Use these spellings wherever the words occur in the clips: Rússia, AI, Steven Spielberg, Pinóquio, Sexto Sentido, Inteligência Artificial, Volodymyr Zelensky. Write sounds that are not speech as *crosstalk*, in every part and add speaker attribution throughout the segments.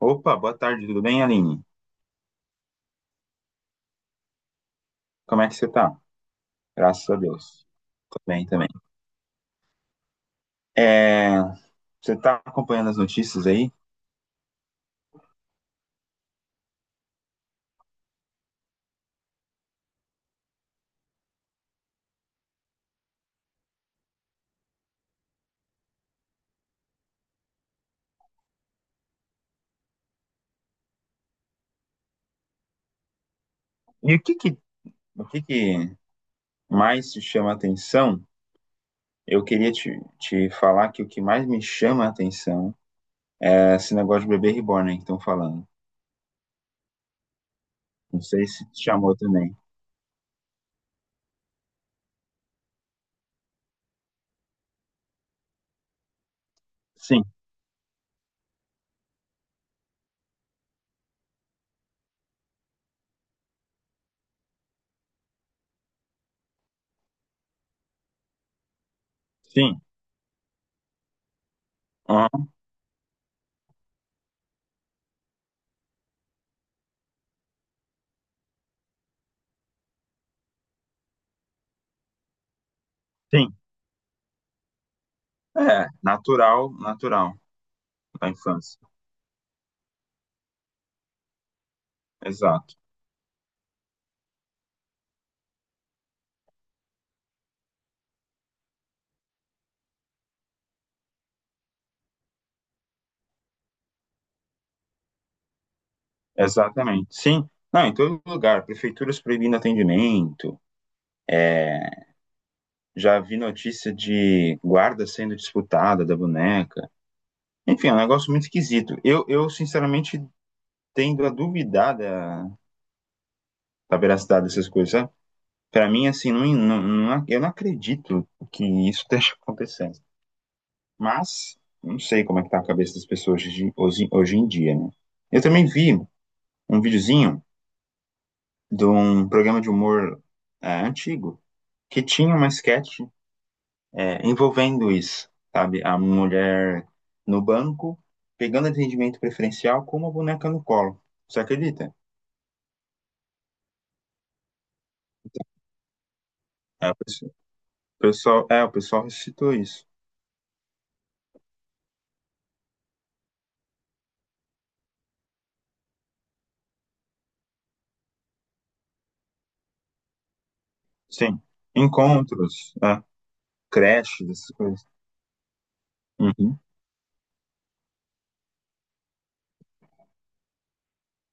Speaker 1: Opa, boa tarde, tudo bem, Aline? Como é que você tá? Graças a Deus. Tô bem também. É, você tá acompanhando as notícias aí? E o que que mais te chama a atenção? Eu queria te falar que o que mais me chama a atenção é esse negócio de bebê reborn aí que estão falando. Não sei se te chamou também. Sim, sim, aham, sim. É, natural, natural, da infância. Exato, exatamente. Sim, não, em todo lugar. Prefeituras proibindo atendimento. Já vi notícia de guarda sendo disputada da boneca. Enfim, é um negócio muito esquisito. Eu sinceramente, tendo a duvidar da veracidade dessas coisas, sabe? Pra mim, assim, eu não acredito que isso *laughs* esteja acontecendo. Mas não sei como é que tá a cabeça das pessoas hoje em dia, né? Eu também vi um videozinho de um programa de humor antigo, que tinha uma sketch envolvendo isso, sabe? A mulher no banco, pegando atendimento preferencial com uma boneca no colo. Você acredita? É, o pessoal ressuscitou isso. Sim. Encontros, creches, essas coisas. Uhum.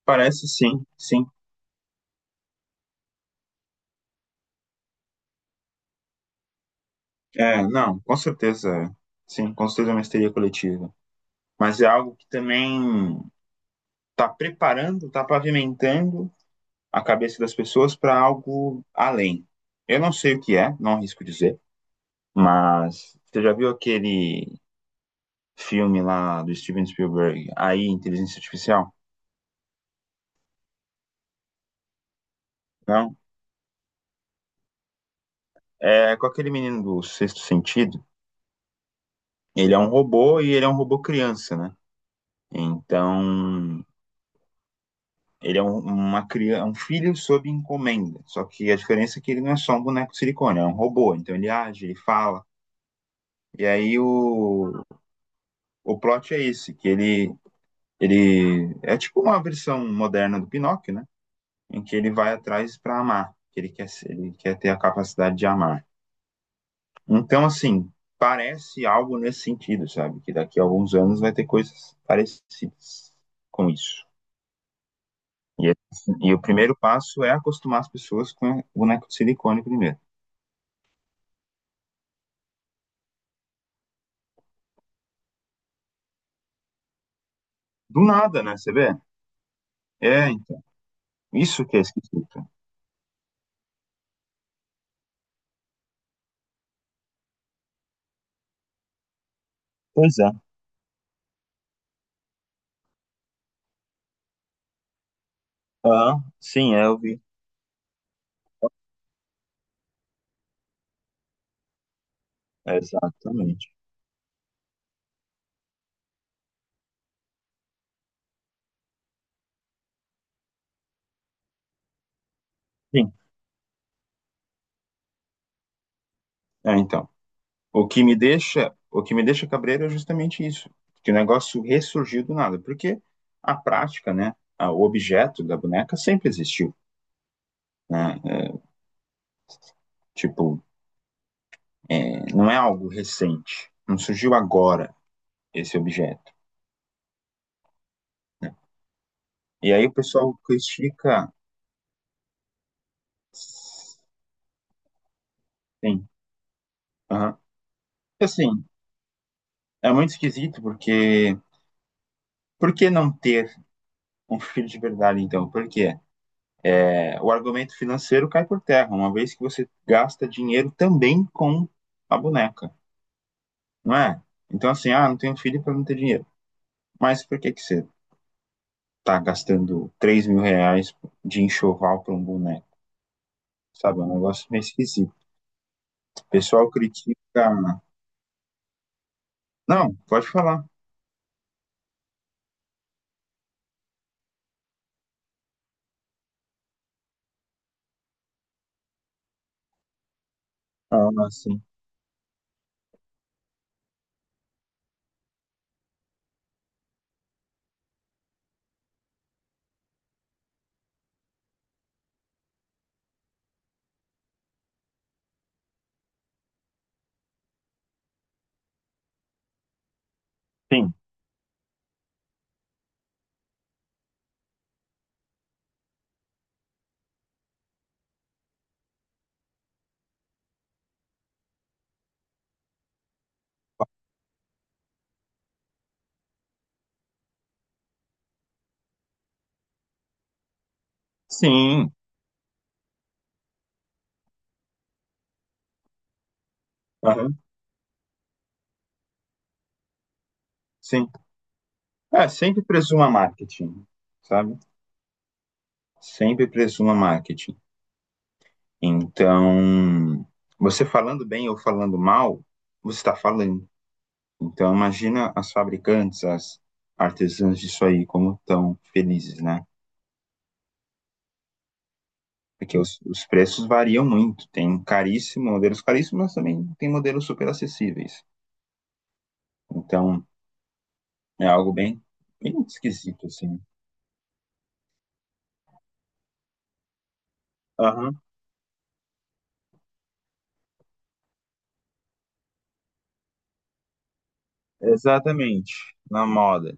Speaker 1: Parece, sim, sim. É, não, com certeza, é. Sim, com certeza é uma histeria coletiva. Mas é algo que também está preparando, está pavimentando a cabeça das pessoas para algo além. Eu não sei o que é, não arrisco dizer. Mas você já viu aquele filme lá do Steven Spielberg, AI, Inteligência Artificial? Não? É com aquele menino do Sexto Sentido. Ele é um robô e ele é um robô criança, né? Então, ele é uma criança, um filho sob encomenda. Só que a diferença é que ele não é só um boneco de silicone, é um robô. Então ele age, ele fala. E aí o plot é esse, que ele é tipo uma versão moderna do Pinóquio, né? Em que ele vai atrás para amar, que ele quer ter a capacidade de amar. Então, assim, parece algo nesse sentido, sabe? Que daqui a alguns anos vai ter coisas parecidas com isso. Assim, e o primeiro passo é acostumar as pessoas com o boneco de silicone primeiro. Do nada, né? Você vê? É, então. Isso que é esquisito. Pois é. Ah, sim, eu vi. Exatamente. Sim, então. O que me deixa cabreiro é justamente isso, que o negócio ressurgiu do nada, porque a prática, né, o objeto da boneca sempre existiu, né? É, tipo, não é algo recente, não surgiu agora esse objeto, né? E aí o pessoal critica, sim, aham. Assim, é muito esquisito porque, por que não ter um filho de verdade então? Por quê? É, o argumento financeiro cai por terra, uma vez que você gasta dinheiro também com a boneca, não é? Então, assim, não tenho filho para não ter dinheiro. Mas por que, que você tá gastando R$ 3.000 de enxoval para um boneco? Sabe, é um negócio meio esquisito. O pessoal critica. Não, pode falar. Ah, sim. Sim. Sim. Aham, sim. É, sempre presuma marketing, sabe? Sempre presuma marketing. Então, você falando bem ou falando mal, você está falando. Então, imagina as fabricantes, as artesãs disso aí, como estão felizes, né? Porque os preços variam muito. Tem caríssimo, modelos caríssimos, mas também tem modelos super acessíveis. Então, é algo bem, bem esquisito, assim. Aham, exatamente. Na moda.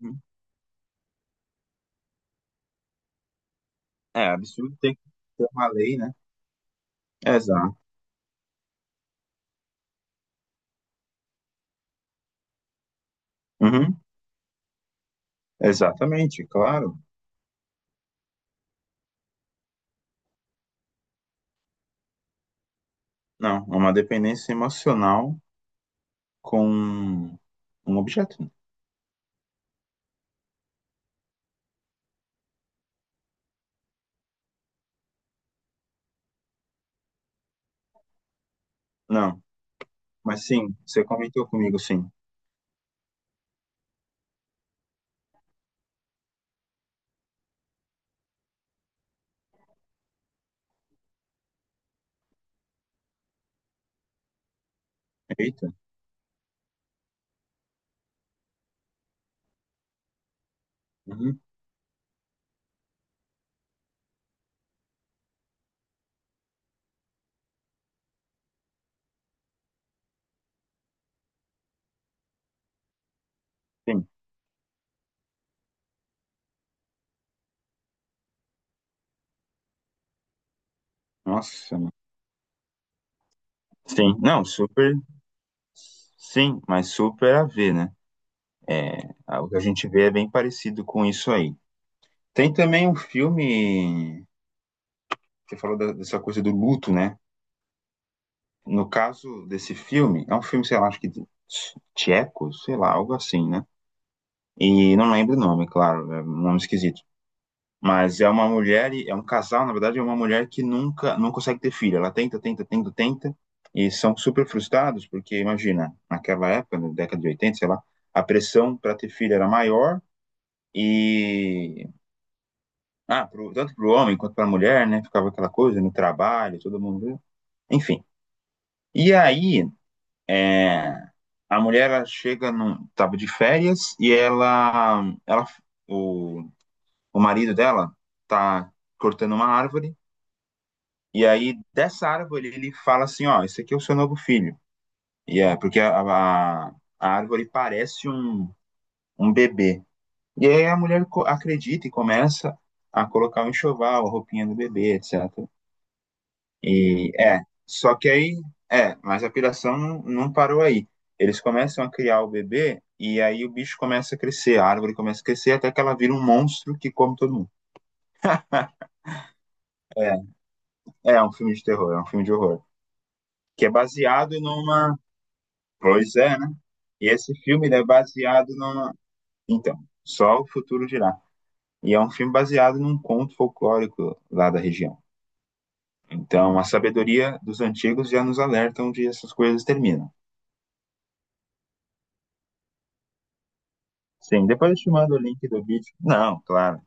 Speaker 1: Uhum. É absurdo ter que ter uma lei, né? Exato. Uhum, exatamente, claro. Não, é uma dependência emocional com um objeto? Não, mas sim, você comentou comigo, sim. Eita, uhum, sim. Nossa, mano. Sim, não, super, sim, mas super a ver, né? Ah, o que a gente vê é bem parecido com isso aí. Tem também um filme, você falou dessa coisa do luto, né? No caso desse filme, é um filme, sei lá, acho que tcheco, sei lá, algo assim, né? E não lembro o nome, claro, é um nome esquisito. Mas é uma mulher, é um casal, na verdade, é uma mulher que nunca, não consegue ter filho. Ela tenta, tenta, tenta, tenta, e são super frustrados, porque imagina, naquela época, na década de 80, sei lá, a pressão para ter filho era maior, e. Ah, tanto para o homem quanto para a mulher, né? Ficava aquela coisa no trabalho, todo mundo, né? Enfim. E aí, é, a mulher ela chega, tava de férias, e ela o, o marido dela tá cortando uma árvore. E aí, dessa árvore, ele fala assim: Ó, esse aqui é o seu novo filho. E é, porque a árvore parece um bebê. E aí a mulher acredita e começa a colocar o enxoval, a roupinha do bebê, etc. E é, só que aí, mas a piração não, não parou aí. Eles começam a criar o bebê e aí o bicho começa a crescer, a árvore começa a crescer até que ela vira um monstro que come todo mundo. É, é um filme de terror, é um filme de horror, que é baseado numa, pois é. E esse filme ele é baseado no. Então, só o futuro dirá. E é um filme baseado num conto folclórico lá da região. Então, a sabedoria dos antigos já nos alerta onde essas coisas terminam. Sim, depois eu te mando o link do vídeo. Não, claro,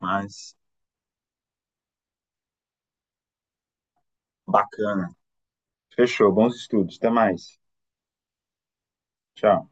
Speaker 1: mas bacana. Fechou, bons estudos, até mais. Tchau.